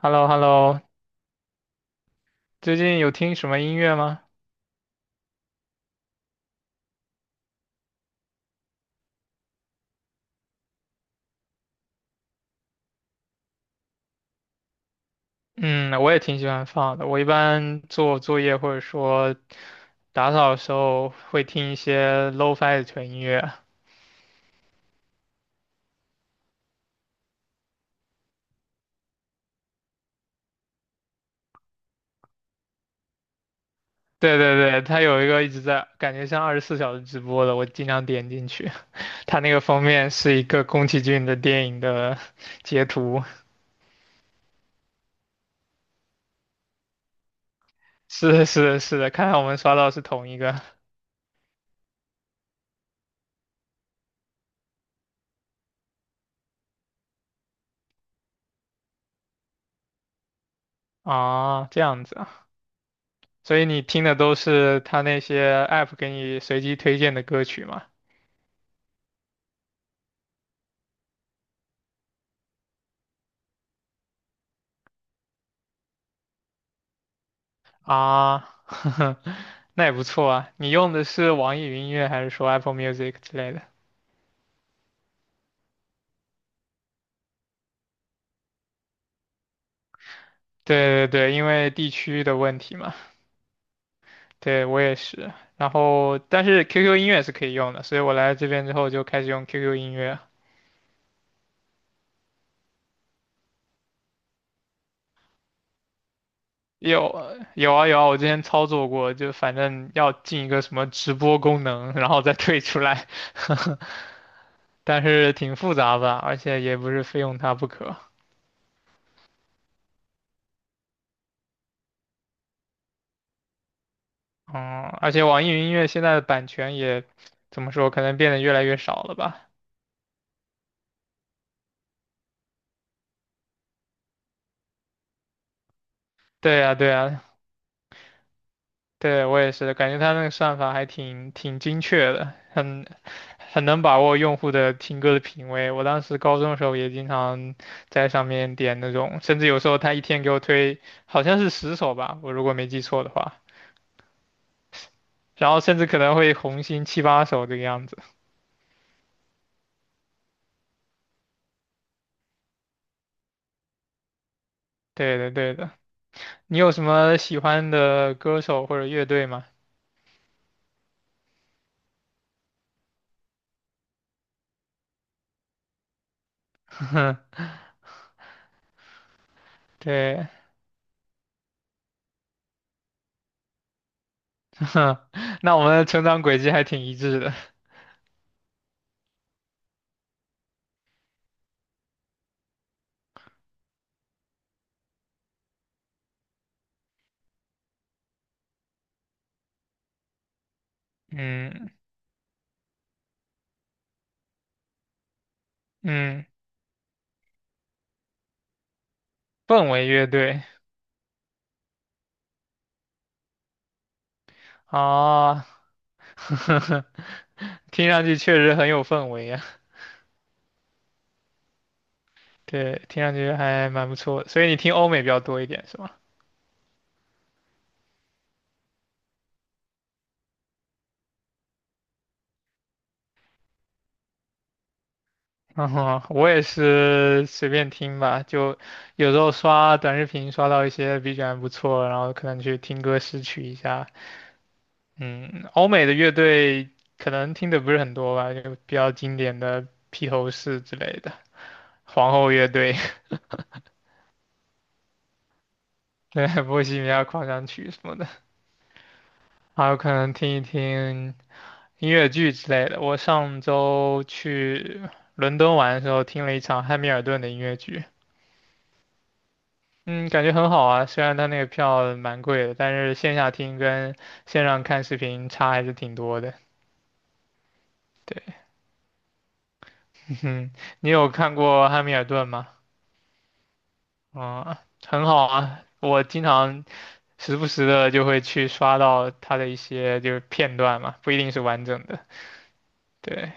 h e l l o h e l l o 最近有听什么音乐吗？嗯，我也挺喜欢放的。我一般做作业或者说打扫的时候会听一些 lo-fi 的纯音乐。对对对，它有一个一直在，感觉像24小时直播的，我经常点进去。它那个封面是一个宫崎骏的电影的截图。是的，是的，是的，看来我们刷到是同一个啊。这样子啊。所以你听的都是他那些 app 给你随机推荐的歌曲吗？啊，呵呵，那也不错啊。你用的是网易云音乐还是说 Apple Music 之类的？对对对，因为地区的问题嘛。对，我也是。然后，但是 QQ 音乐是可以用的，所以我来这边之后就开始用 QQ 音乐。有有啊有啊，我之前操作过，就反正要进一个什么直播功能，然后再退出来，但是挺复杂吧，而且也不是非用它不可。嗯，而且网易云音乐现在的版权也怎么说，可能变得越来越少了吧？对呀，对呀，对，我也是，感觉它那个算法还挺精确的，很能把握用户的听歌的品味。我当时高中的时候也经常在上面点那种，甚至有时候它一天给我推好像是10首吧，我如果没记错的话，然后甚至可能会红心七八首这个样子。对的，对的。你有什么喜欢的歌手或者乐队吗？对。哼，那我们的成长轨迹还挺一致的。嗯嗯，氛围乐队啊，听上去确实很有氛围呀。对，听上去还蛮不错的，所以你听欧美比较多一点是吗？嗯哼，我也是随便听吧，就有时候刷短视频刷到一些 BGM 不错，然后可能去听歌识曲一下。嗯，欧美的乐队可能听的不是很多吧，就比较经典的披头士之类的，皇后乐队。对，《波西米亚狂想曲》什么的，还有可能听一听音乐剧之类的。我上周去伦敦玩的时候，听了一场汉密尔顿的音乐剧，嗯，感觉很好啊。虽然它那个票蛮贵的，但是线下听跟线上看视频差还是挺多的。对，嗯，你有看过汉密尔顿吗？嗯，很好啊。我经常时不时的就会去刷到它的一些就是片段嘛，不一定是完整的。对，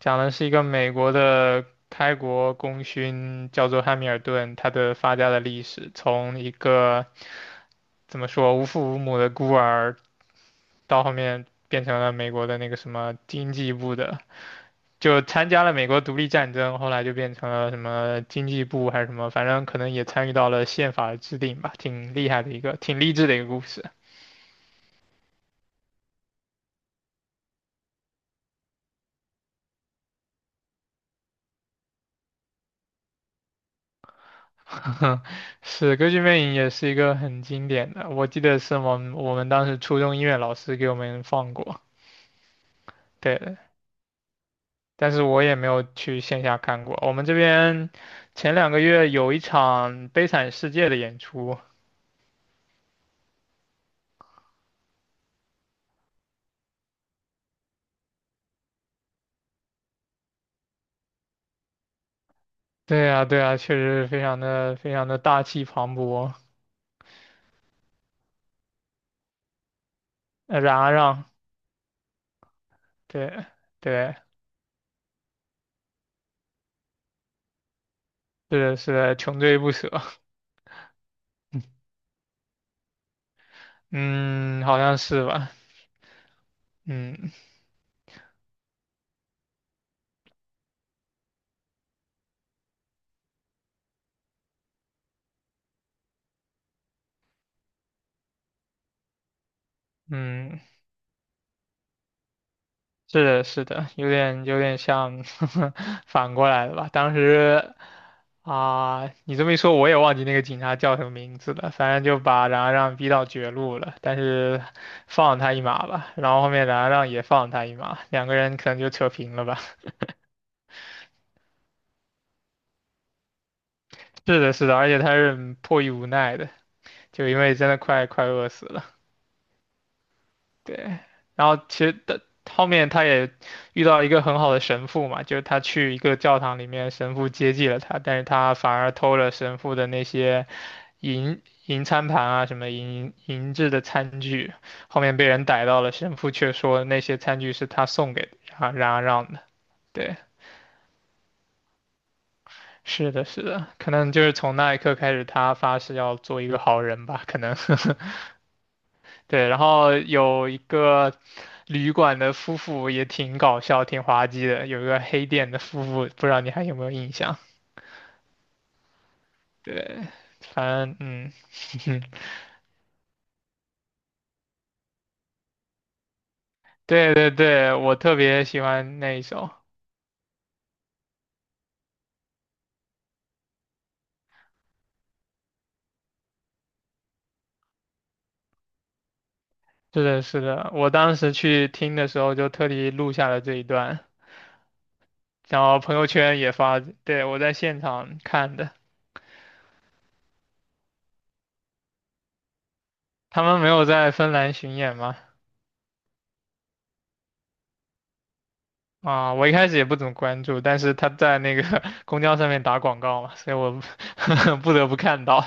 讲的是一个美国的开国功勋，叫做汉密尔顿，他的发家的历史，从一个怎么说无父无母的孤儿，到后面变成了美国的那个什么经济部的，就参加了美国独立战争，后来就变成了什么经济部还是什么，反正可能也参与到了宪法的制定吧，挺厉害的一个，挺励志的一个故事。是《歌剧魅影》也是一个很经典的，我记得是我们当时初中音乐老师给我们放过。对，但是我也没有去线下看过。我们这边前2个月有一场《悲惨世界》的演出，对呀，对呀，确实非常的非常的大气磅礴，冉阿让，对对，是的是的穷追不舍，嗯，好像是吧，嗯嗯。是的，是的，有点像 反过来的吧。当时啊、你这么一说，我也忘记那个警察叫什么名字了。反正就把冉阿让逼到绝路了，但是放了他一马吧。然后后面冉阿让也放了他一马，两个人可能就扯平了吧。是的，是的，而且他是迫于无奈的，就因为真的快饿死了。对，然后其实的后面他也遇到一个很好的神父嘛，就是他去一个教堂里面，神父接济了他，但是他反而偷了神父的那些银餐盘啊，什么银制的餐具，后面被人逮到了，神父却说那些餐具是他送给冉阿让的。对，是的，是的，可能就是从那一刻开始，他发誓要做一个好人吧，可能 对，然后有一个旅馆的夫妇也挺搞笑、挺滑稽的，有一个黑店的夫妇，不知道你还有没有印象？对，反正嗯，对对对，我特别喜欢那一首。是的，是的，我当时去听的时候就特地录下了这一段，然后朋友圈也发，对，我在现场看的。他们没有在芬兰巡演吗？啊，我一开始也不怎么关注，但是他在那个 公交上面打广告嘛，所以我 不得不看到。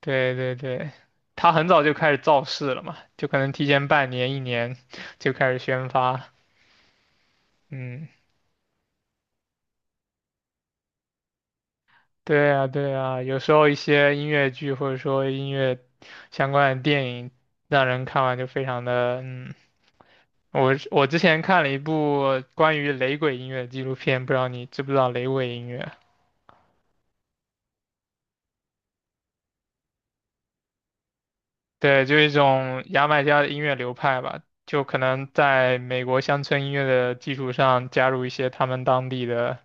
对对对，他很早就开始造势了嘛，就可能提前半年、一年 就开始宣发。嗯，对啊对啊，有时候一些音乐剧或者说音乐相关的电影，让人看完就非常的。我之前看了一部关于雷鬼音乐的纪录片，不知道你知不知道雷鬼音乐？对，就一种牙买加的音乐流派吧，就可能在美国乡村音乐的基础上，加入一些他们当地的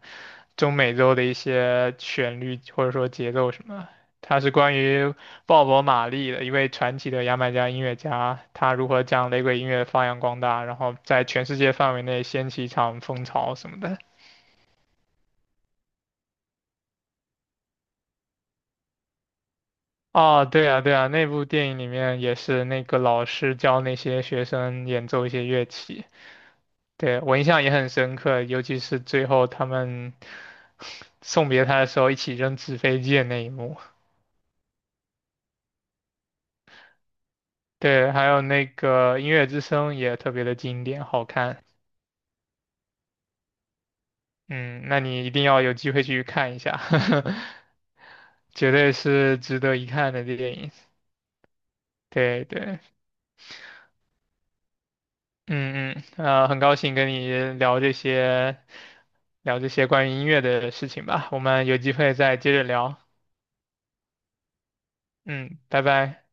中美洲的一些旋律或者说节奏什么它是关于鲍勃·马利的一位传奇的牙买加音乐家，他如何将雷鬼音乐发扬光大，然后在全世界范围内掀起一场风潮什么的。哦，对啊，对啊，那部电影里面也是那个老师教那些学生演奏一些乐器。对，我印象也很深刻，尤其是最后他们 送别他的时候一起扔纸飞机的那一幕。对，还有那个《音乐之声》也特别的经典，好看。嗯，那你一定要有机会去看一下，绝对是值得一看的电影。对对，嗯嗯，很高兴跟你聊这些，聊这些关于音乐的事情吧。我们有机会再接着聊。嗯，拜拜。